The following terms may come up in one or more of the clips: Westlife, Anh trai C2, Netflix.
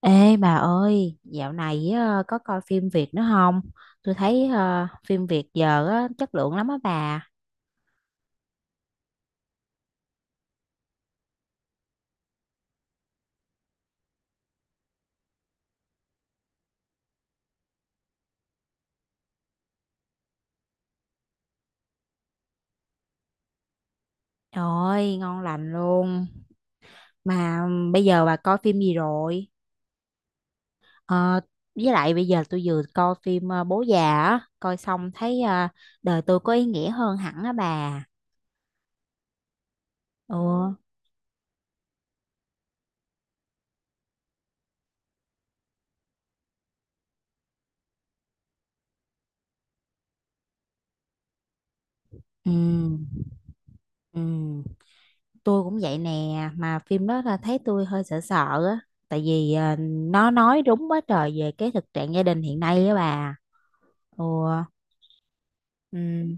Ê bà ơi, dạo này có coi phim Việt nữa không? Tôi thấy phim Việt giờ á, chất lượng lắm á bà. Trời ơi, ngon lành luôn. Mà bây giờ bà coi phim gì rồi? Ờ, với lại bây giờ tôi vừa coi phim Bố già á, coi xong thấy đời tôi có ý nghĩa hơn hẳn á bà. Ừ, ừ, ừ, tôi cũng vậy nè, mà phim đó là thấy tôi hơi sợ sợ á. Tại vì nó nói đúng quá trời về cái thực trạng gia đình hiện nay á bà. Ừ, ừ,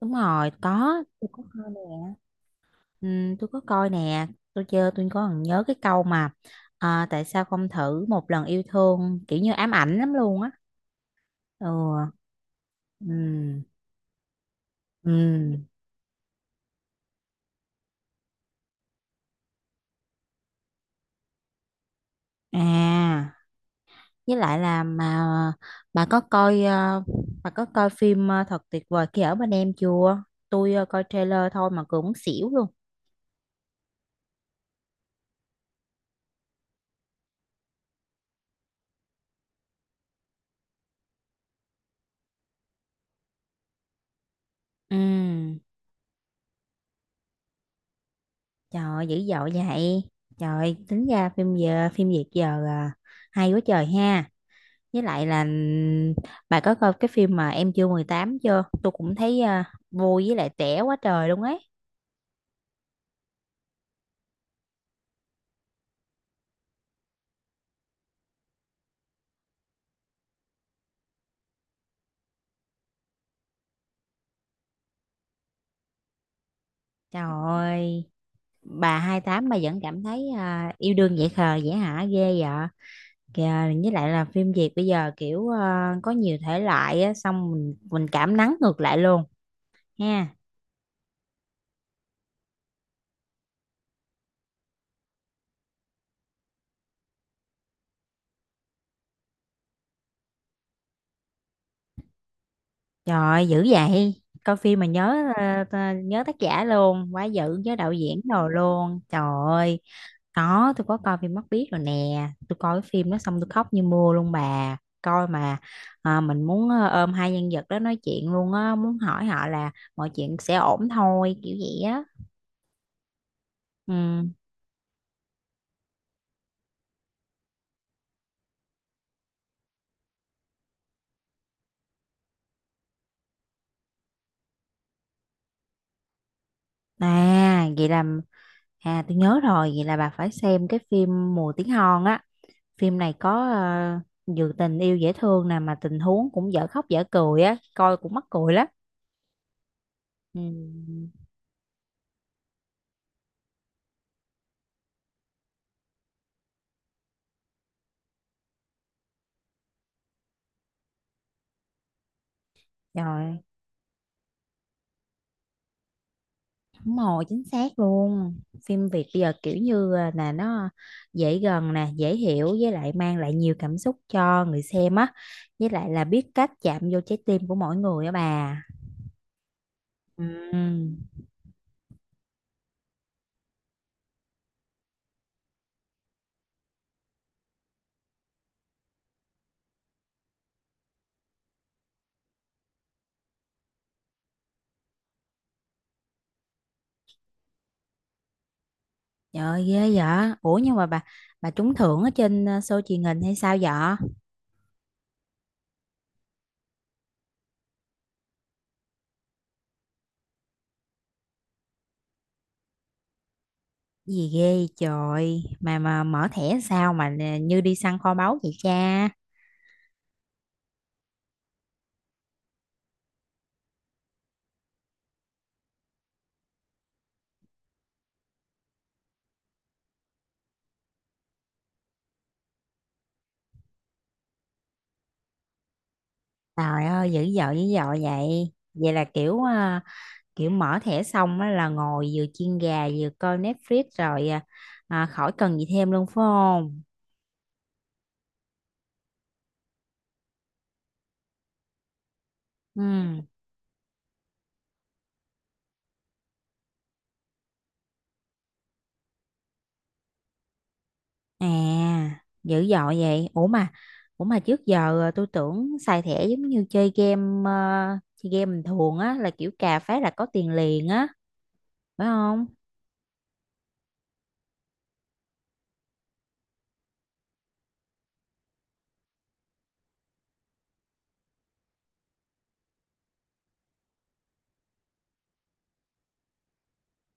đúng rồi, có, tôi có coi nè. Ừ, tôi có coi nè, tôi chơi tôi có còn nhớ cái câu mà à, tại sao không thử một lần yêu thương kiểu như ám ảnh lắm luôn á. Ừ, ừ, ừ, à, với lại là mà bà có coi ờ, bà có coi phim thật tuyệt vời khi ở bên em chưa? Tôi coi trailer thôi mà cũng muốn xỉu luôn. Ừ. Trời ơi, dữ dội vậy. Trời, tính ra phim Việt giờ à, hay quá trời ha. Với lại là bà có coi cái phim mà Em chưa 18 chưa? Tôi cũng thấy à, vui với lại trẻ quá trời luôn ấy. Trời ơi, bà 28 mà vẫn cảm thấy à, yêu đương dễ khờ dễ hả ghê vậy. Kìa, với lại là phim Việt bây giờ kiểu à, có nhiều thể loại á, xong mình cảm nắng ngược lại luôn ha. Trời dữ vậy. Coi phim mà nhớ nhớ tác giả luôn, quá dữ nhớ đạo diễn đồ luôn. Trời ơi, tôi có coi phim Mắt Biếc rồi nè. Tôi coi cái phim đó xong tôi khóc như mưa luôn bà. Coi mà à, mình muốn ôm hai nhân vật đó nói chuyện luôn á, muốn hỏi họ là mọi chuyện sẽ ổn thôi, kiểu vậy á. Ừ. À, vậy là À, tôi nhớ rồi, vậy là bà phải xem cái phim Mùa Tiếng Hòn á. Phim này có vừa tình yêu dễ thương nè mà tình huống cũng dở khóc dở cười á, coi cũng mắc cười lắm. Ừ. Rồi, đúng rồi, chính xác luôn. Phim Việt bây giờ kiểu như à, là nó dễ gần nè, dễ hiểu với lại mang lại nhiều cảm xúc cho người xem á. Với lại là biết cách chạm vô trái tim của mỗi người á bà. Ừ. Trời ơi, ghê vậy. Ủa nhưng mà bà trúng thưởng ở trên à, show truyền hình hay sao vậy? Gì ghê trời mà mở thẻ sao mà nè, như đi săn kho báu vậy cha. Trời ơi dữ dội vậy, vậy là kiểu à, kiểu mở thẻ xong á là ngồi vừa chiên gà vừa coi Netflix rồi khỏi cần gì thêm luôn phải không? Ừ, à, dữ dội vậy. Ủa mà trước giờ à, tôi tưởng xài thẻ giống như chơi game bình thường á là kiểu cà phát là có tiền liền á phải không?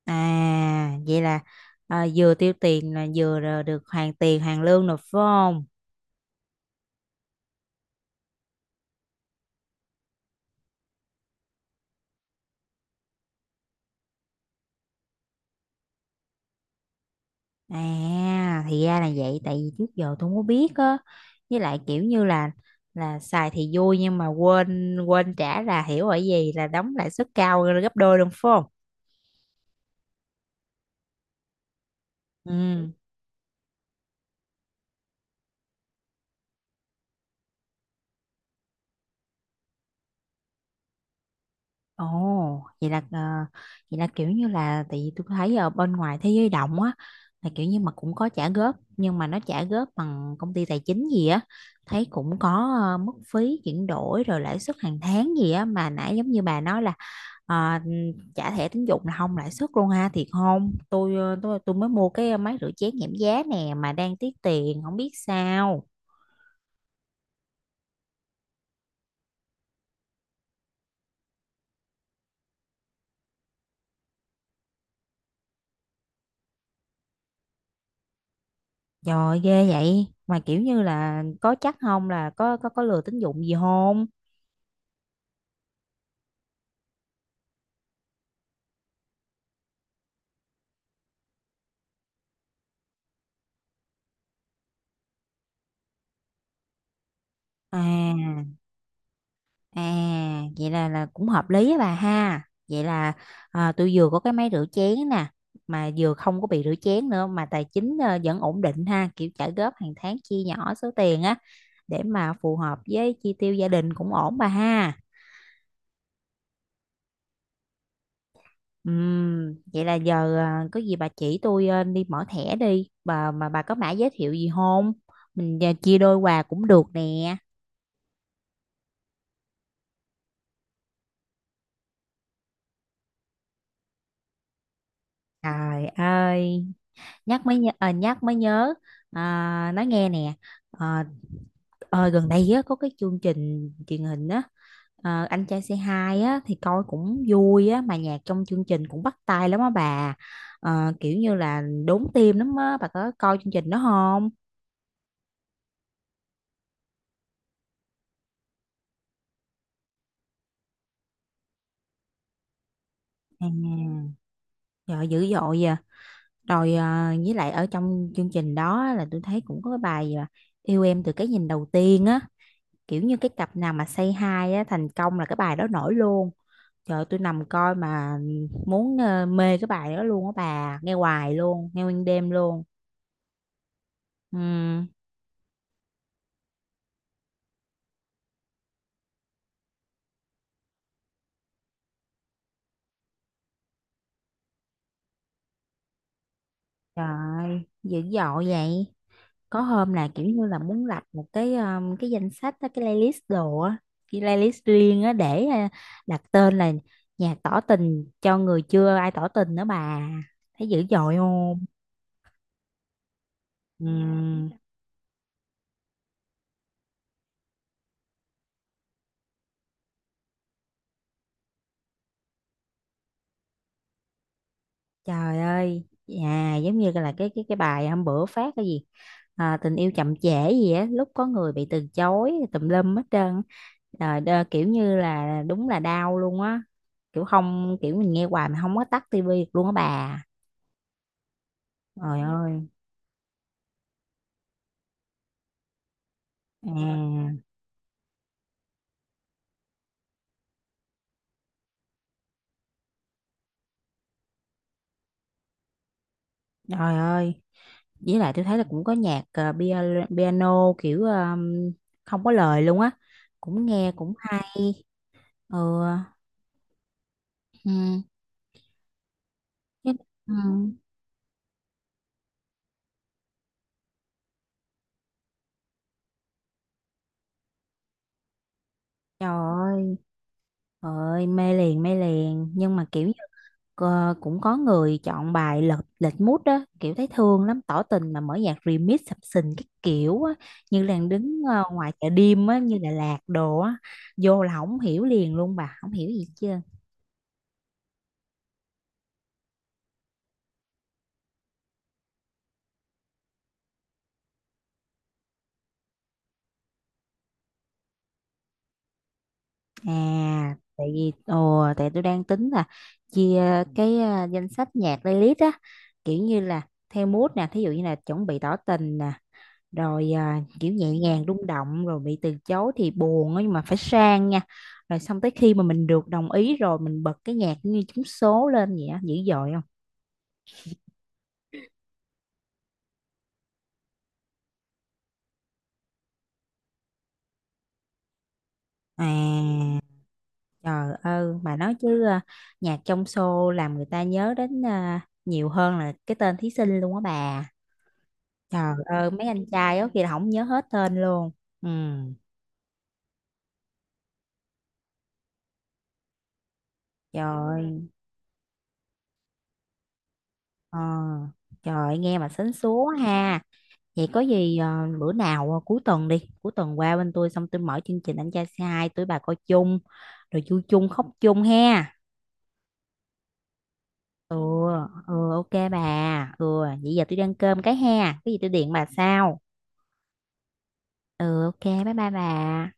À, vậy là Vừa tiêu tiền là vừa là được hoàn tiền, hoàn lương rồi phải không? À, thì ra là vậy, tại vì trước giờ tôi không có biết á. Với lại kiểu như là xài thì vui nhưng mà quên quên trả là hiểu ở gì là đóng lãi suất cao gấp đôi luôn phải không? Ừ. Ồ, vậy là ờ, vậy là kiểu như là tại vì tôi thấy ở bên ngoài thế giới động á là kiểu như mà cũng có trả góp nhưng mà nó trả góp bằng công ty tài chính gì á, thấy cũng có mức phí chuyển đổi rồi lãi suất hàng tháng gì á mà nãy giống như bà nói là ờ, trả thẻ tín dụng là không lãi suất luôn ha, thiệt không? Tôi ờ, tôi tôi mới mua cái máy rửa chén giảm giá nè mà đang tiếc tiền không biết sao. Trời ghê vậy mà kiểu như là có chắc không là có lừa tín dụng gì không? à À, vậy là cũng hợp lý á bà ha. Vậy là à, tôi vừa có cái máy rửa chén nè, mà vừa không có bị rửa chén nữa mà tài chính vẫn ổn định ha, kiểu trả góp hàng tháng chia nhỏ số tiền á để mà phù hợp với chi tiêu gia đình cũng ổn bà ha. Vậy là giờ à, có gì bà chỉ tôi đi mở thẻ đi, bà mà bà có mã giới thiệu gì không? Mình chia đôi quà cũng được nè. Trời ơi, nhắc mới nhớ. À, nói nghe nè. Ờ, Ờ, Gần đây á, có cái chương trình truyền hình á Anh trai C2 á, thì coi cũng vui á mà nhạc trong chương trình cũng bắt tai lắm á bà. Kiểu như là đốn tim lắm á bà, có coi chương trình đó không? À, trời dữ dội vậy. Rồi với lại ở trong chương trình đó á, là tôi thấy cũng có cái bài à, yêu em từ cái nhìn đầu tiên á, kiểu như cái cặp nào mà say hi á thành công là cái bài đó nổi luôn. Trời ơi, tôi nằm coi mà muốn mê cái bài đó luôn á bà, nghe hoài luôn, nghe nguyên đêm luôn. Ừm, Trời ơi, dữ dội vậy. Có hôm là kiểu như là muốn lập một cái danh sách á, cái playlist đồ á, cái playlist riêng á để đặt tên là nhạc tỏ tình cho người chưa ai tỏ tình nữa bà. Thấy dữ dội không? Ừm. Trời ơi, à, giống như là cái bài hôm bữa phát cái gì à, tình yêu chậm trễ gì á, lúc có người bị từ chối tùm lum hết trơn á. Trời đơ, kiểu như là đúng là đau luôn á. Kiểu không kiểu mình nghe hoài mà không có tắt tivi được luôn á bà. Trời ơi. À, trời ơi. Với lại tôi thấy là cũng có nhạc piano kiểu không có lời luôn á. Cũng nghe cũng hay. Ừ. Ừ. Chứ- Ừ. Trời ơi. Ơi mê liền nhưng mà kiểu như cũng có người chọn bài lệch lệch mood đó, kiểu thấy thương lắm tỏ tình mà mở nhạc remix sập sình cái kiểu á, như là đứng ngoài chợ đêm á như Đà Lạt đồ á, vô là không hiểu liền luôn bà, không hiểu gì chưa? À, tại vì ồ tại tôi đang tính là chia cái danh sách nhạc playlist á, kiểu như là theo mood nè, thí dụ như là chuẩn bị tỏ tình nè, rồi à, kiểu nhẹ nhàng rung động, rồi bị từ chối thì buồn á, nhưng mà phải sang nha, rồi xong tới khi mà mình được đồng ý rồi mình bật cái nhạc như trúng số lên vậy á, dữ dội không? À, trời ơi bà nói chứ à, nhạc trong show làm người ta nhớ đến à, nhiều hơn là cái tên thí sinh luôn á bà. Trời ơi mấy anh trai đó kìa là không nhớ hết tên luôn. Ừ. trời ơi, ờ, Trời ơi, nghe mà sến súa ha. Vậy có gì bữa nào cuối tuần qua bên tôi xong tôi mở chương trình anh trai C2 tôi bà coi chung, rồi vui chung khóc chung ha. Ừ, ừ ok bà. Ừ, vậy giờ tôi đi ăn cơm cái ha. Cái gì tôi điện bà sau. Ừ ok, bye bye bà.